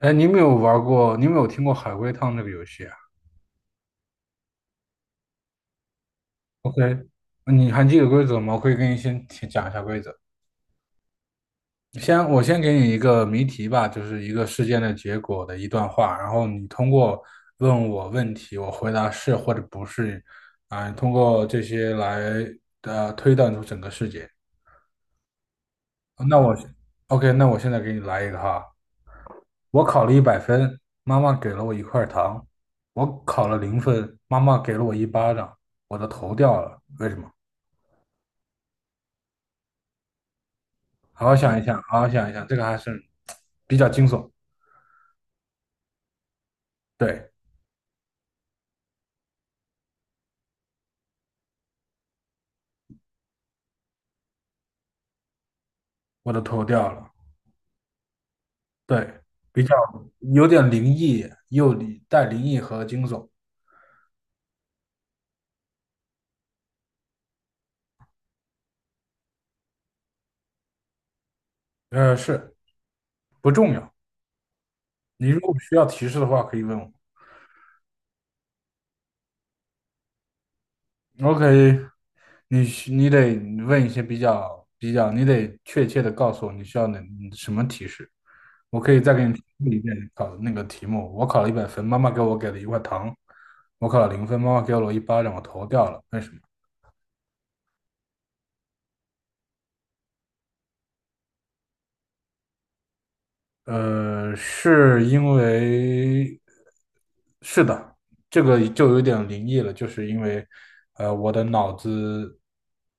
哎，你有没有玩过？你有没有听过海龟汤这个游戏啊？OK，你还记得规则吗？我可以给你先提讲一下规则。我先给你一个谜题吧，就是一个事件的结果的一段话，然后你通过问我问题，我回答是或者不是，通过这些来推断出整个事件。那我 OK，那我现在给你来一个哈。我考了一百分，妈妈给了我一块糖；我考了零分，妈妈给了我一巴掌，我的头掉了。为什么？好好想一想，好好想一想，这个还是比较惊悚。对，我的头掉了，对，比较有点灵异，又里带灵异和惊悚。是不重要。你如果需要提示的话，可以问我。OK，你得问一些比较，你得确切的告诉我你需要什么提示。我可以再给你提一遍考的那个题目。我考了一百分，妈妈给了一块糖；我考了零分，妈妈给了我一巴掌，我头掉了。为什么？是因为，是的，这个就有点灵异了，就是因为，我的脑子，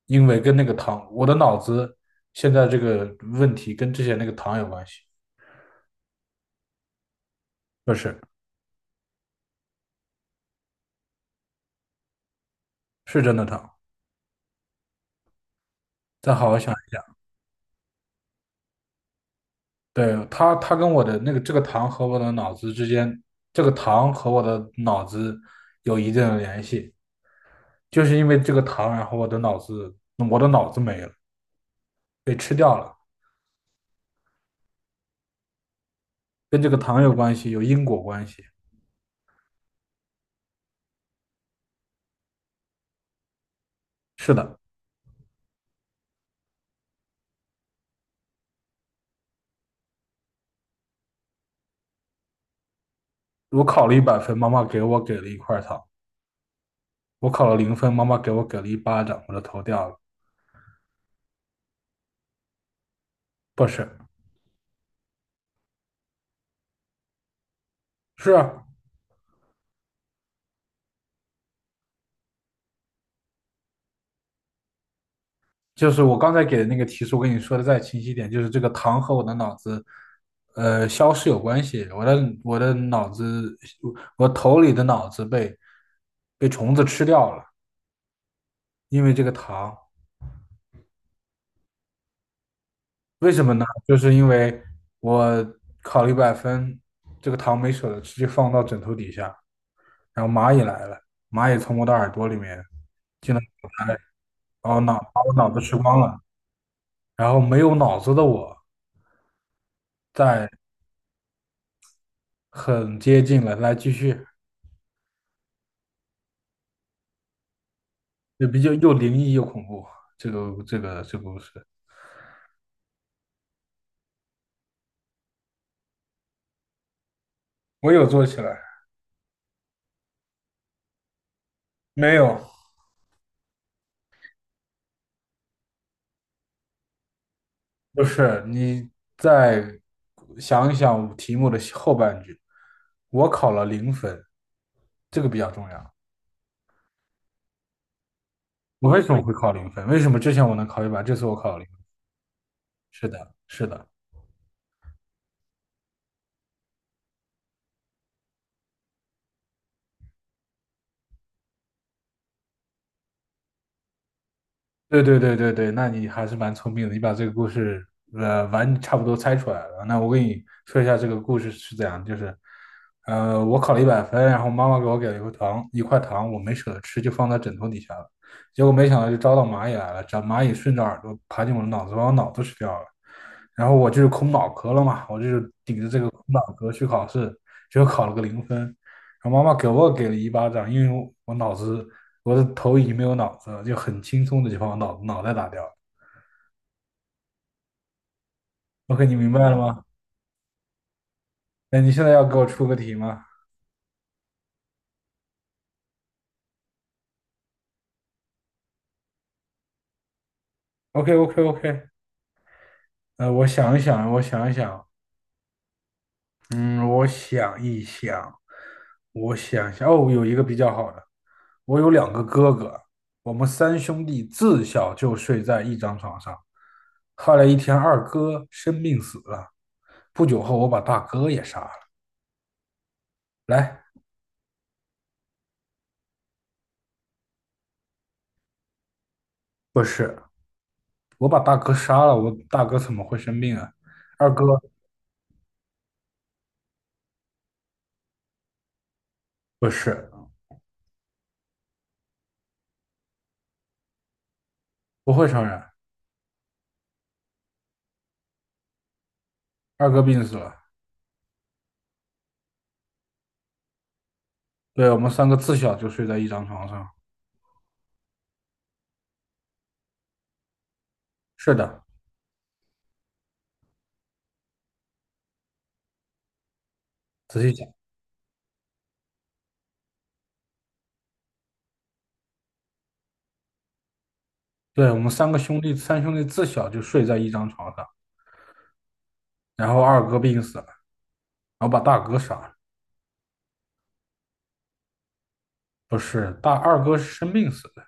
因为跟那个糖，我的脑子现在这个问题跟之前那个糖有关系。不是，是真的糖。再好好想一下。对，他跟我的那个这个糖和我的脑子之间，这个糖和我的脑子有一定的联系，就是因为这个糖，我的脑子没了，被吃掉了，跟这个糖有关系，有因果关系。是的，我考了一百分，妈妈给了一块糖；我考了零分，妈妈给了一巴掌，我的头掉了。不是，是啊，就是我刚才给的那个提示，我跟你说的再清晰一点，就是这个糖和我的脑子，消失有关系。我的脑子，我头里的脑子被虫子吃掉了，因为这个糖。为什么呢？就是因为我考了一百分，这个糖没舍得吃，就放到枕头底下。然后蚂蚁来了，蚂蚁从我的耳朵里面进了脑袋，然后把我脑子吃光了。然后没有脑子的我，再很接近了，来继续。就比较又灵异又恐怖。这个故事，我有做起来，没有，不是，你再想一想题目的后半句，我考了零分，这个比较重要。我为什么会考零分？为什么之前我能考一百，这次我考了零分？是的，是的。对对对对对，那你还是蛮聪明的，你把这个故事差不多猜出来了。那我给你说一下这个故事是怎样，就是我考了一百分，然后妈妈给了一块糖，一块糖我没舍得吃，就放在枕头底下了。结果没想到就招到蚂蚁来了，长蚂蚁顺着耳朵爬进我的脑子，把我脑子吃掉了。然后我就是空脑壳了嘛，我就是顶着这个空脑壳去考试，结果考了个零分。我妈妈给了一巴掌，因为我我脑子我的头已经没有脑子了，就很轻松的就把我脑袋打掉了。OK，你明白了吗？哎，你现在要给我出个题吗？OK OK OK，我想一想，我想一想，嗯，我想一想，我想一想，哦，有一个比较好的，我有两个哥哥，我们三兄弟自小就睡在一张床上，后来一天二哥生病死了，不久后我把大哥也杀了。来，不是，我把大哥杀了，我大哥怎么会生病啊？二哥不是，不会传染，二哥病死了。对，我们三个自小就睡在一张床上。是的，仔细讲，对，我们三个兄弟，三兄弟自小就睡在一张床上。然后二哥病死了，然后把大哥杀了。不是，二哥是生病死的，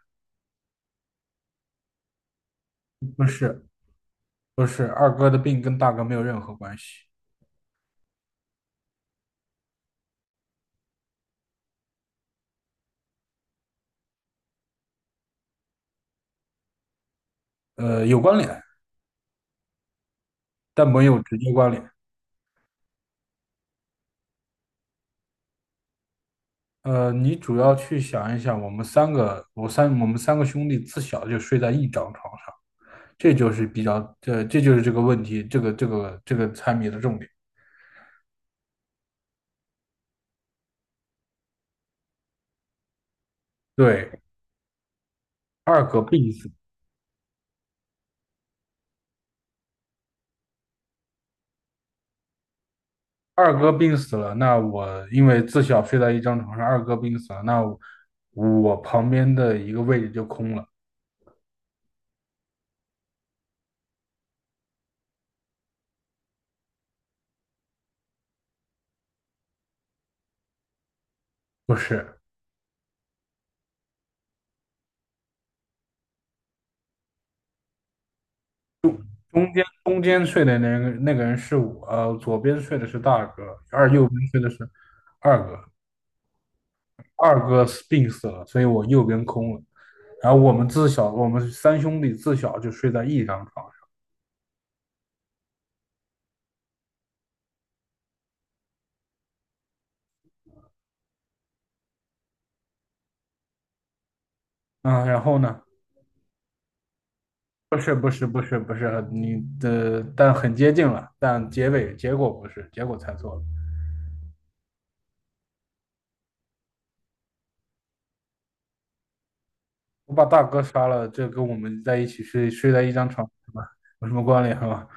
不是，不是，二哥的病跟大哥没有任何关系，有关联，但没有直接关联。你主要去想一想，我们三个兄弟自小就睡在一张床上，这就是比较，这就是这个问题，这个猜谜的重点。对，二哥病死，二哥病死了，那我因为自小睡在一张床上，二哥病死了，我旁边的一个位置就空了，不是，中间睡的那个人是我，左边睡的是大哥，而右边睡的是二哥，二哥病死了，所以我右边空了。我们三兄弟自小就睡在一张床上。嗯，然后呢？不是，不是，不是，不是，你的，但很接近了，但结尾结果不是，结果猜错了。我把大哥杀了，这跟我们在一起睡在一张床上有什么关联吗？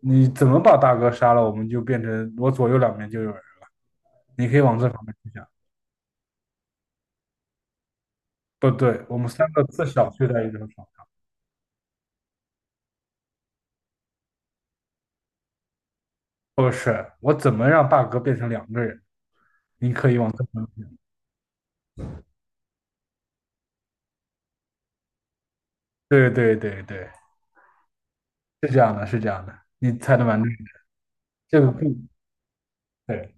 你怎么把大哥杀了，我们就变成我左右两边就有人了。你可以往这方面去想。不对，我们三个自小睡在一张床。不是，我怎么让大哥变成两个人？你可以往这方面。对对对对。是这样的，是这样的，你猜的蛮对。这个故，对，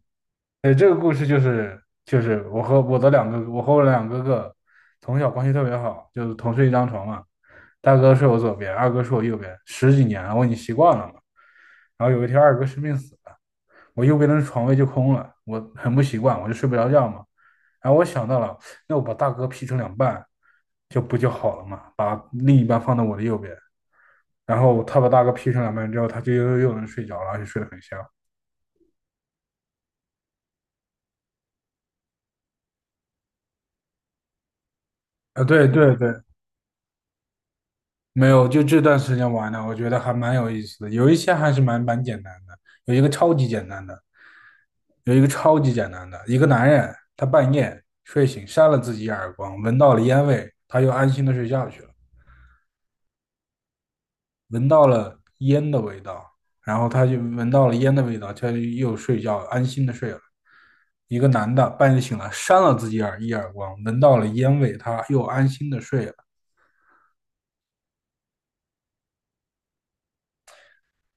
这个故事就是我和我两个哥哥从小关系特别好，就是同睡一张床嘛。大哥睡我左边，二哥睡我右边，十几年了，我已经习惯了嘛。然后有一天二哥生病死了，我右边的床位就空了，我很不习惯，我就睡不着觉嘛。然后我想到了，那我把大哥劈成两半，就不就好了嘛？把另一半放到我的右边，然后他把大哥劈成两半之后，他就又能睡着了，而且睡得很香。啊，对对对，没有，就这段时间玩的，我觉得还蛮有意思的，有一些还是蛮简单的，有一个超级简单的，有一个超级简单的，一个男人他半夜睡醒扇了自己一耳光，闻到了烟味，他又安心的睡觉去了，闻到了烟的味道，然后他就闻到了烟的味道，他就又睡觉，安心的睡了。一个男的半夜醒来扇了自己一耳光，闻到了烟味，他又安心的睡了。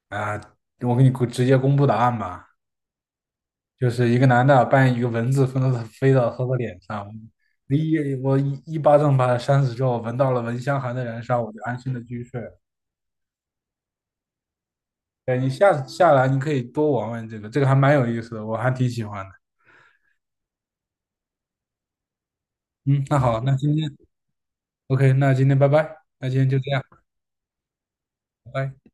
啊，我给你直接公布答案吧。就是一个男的扮演一个蚊子飞到他的脸上，一我一一巴掌把他扇死之后，闻到了蚊香还在燃烧，我就安心的继续睡了。对，你下次下来你可以多玩玩这个，这个还蛮有意思的，我还挺喜欢的。嗯，那好，那今天 OK，那今天拜拜，那今天就这样，拜拜。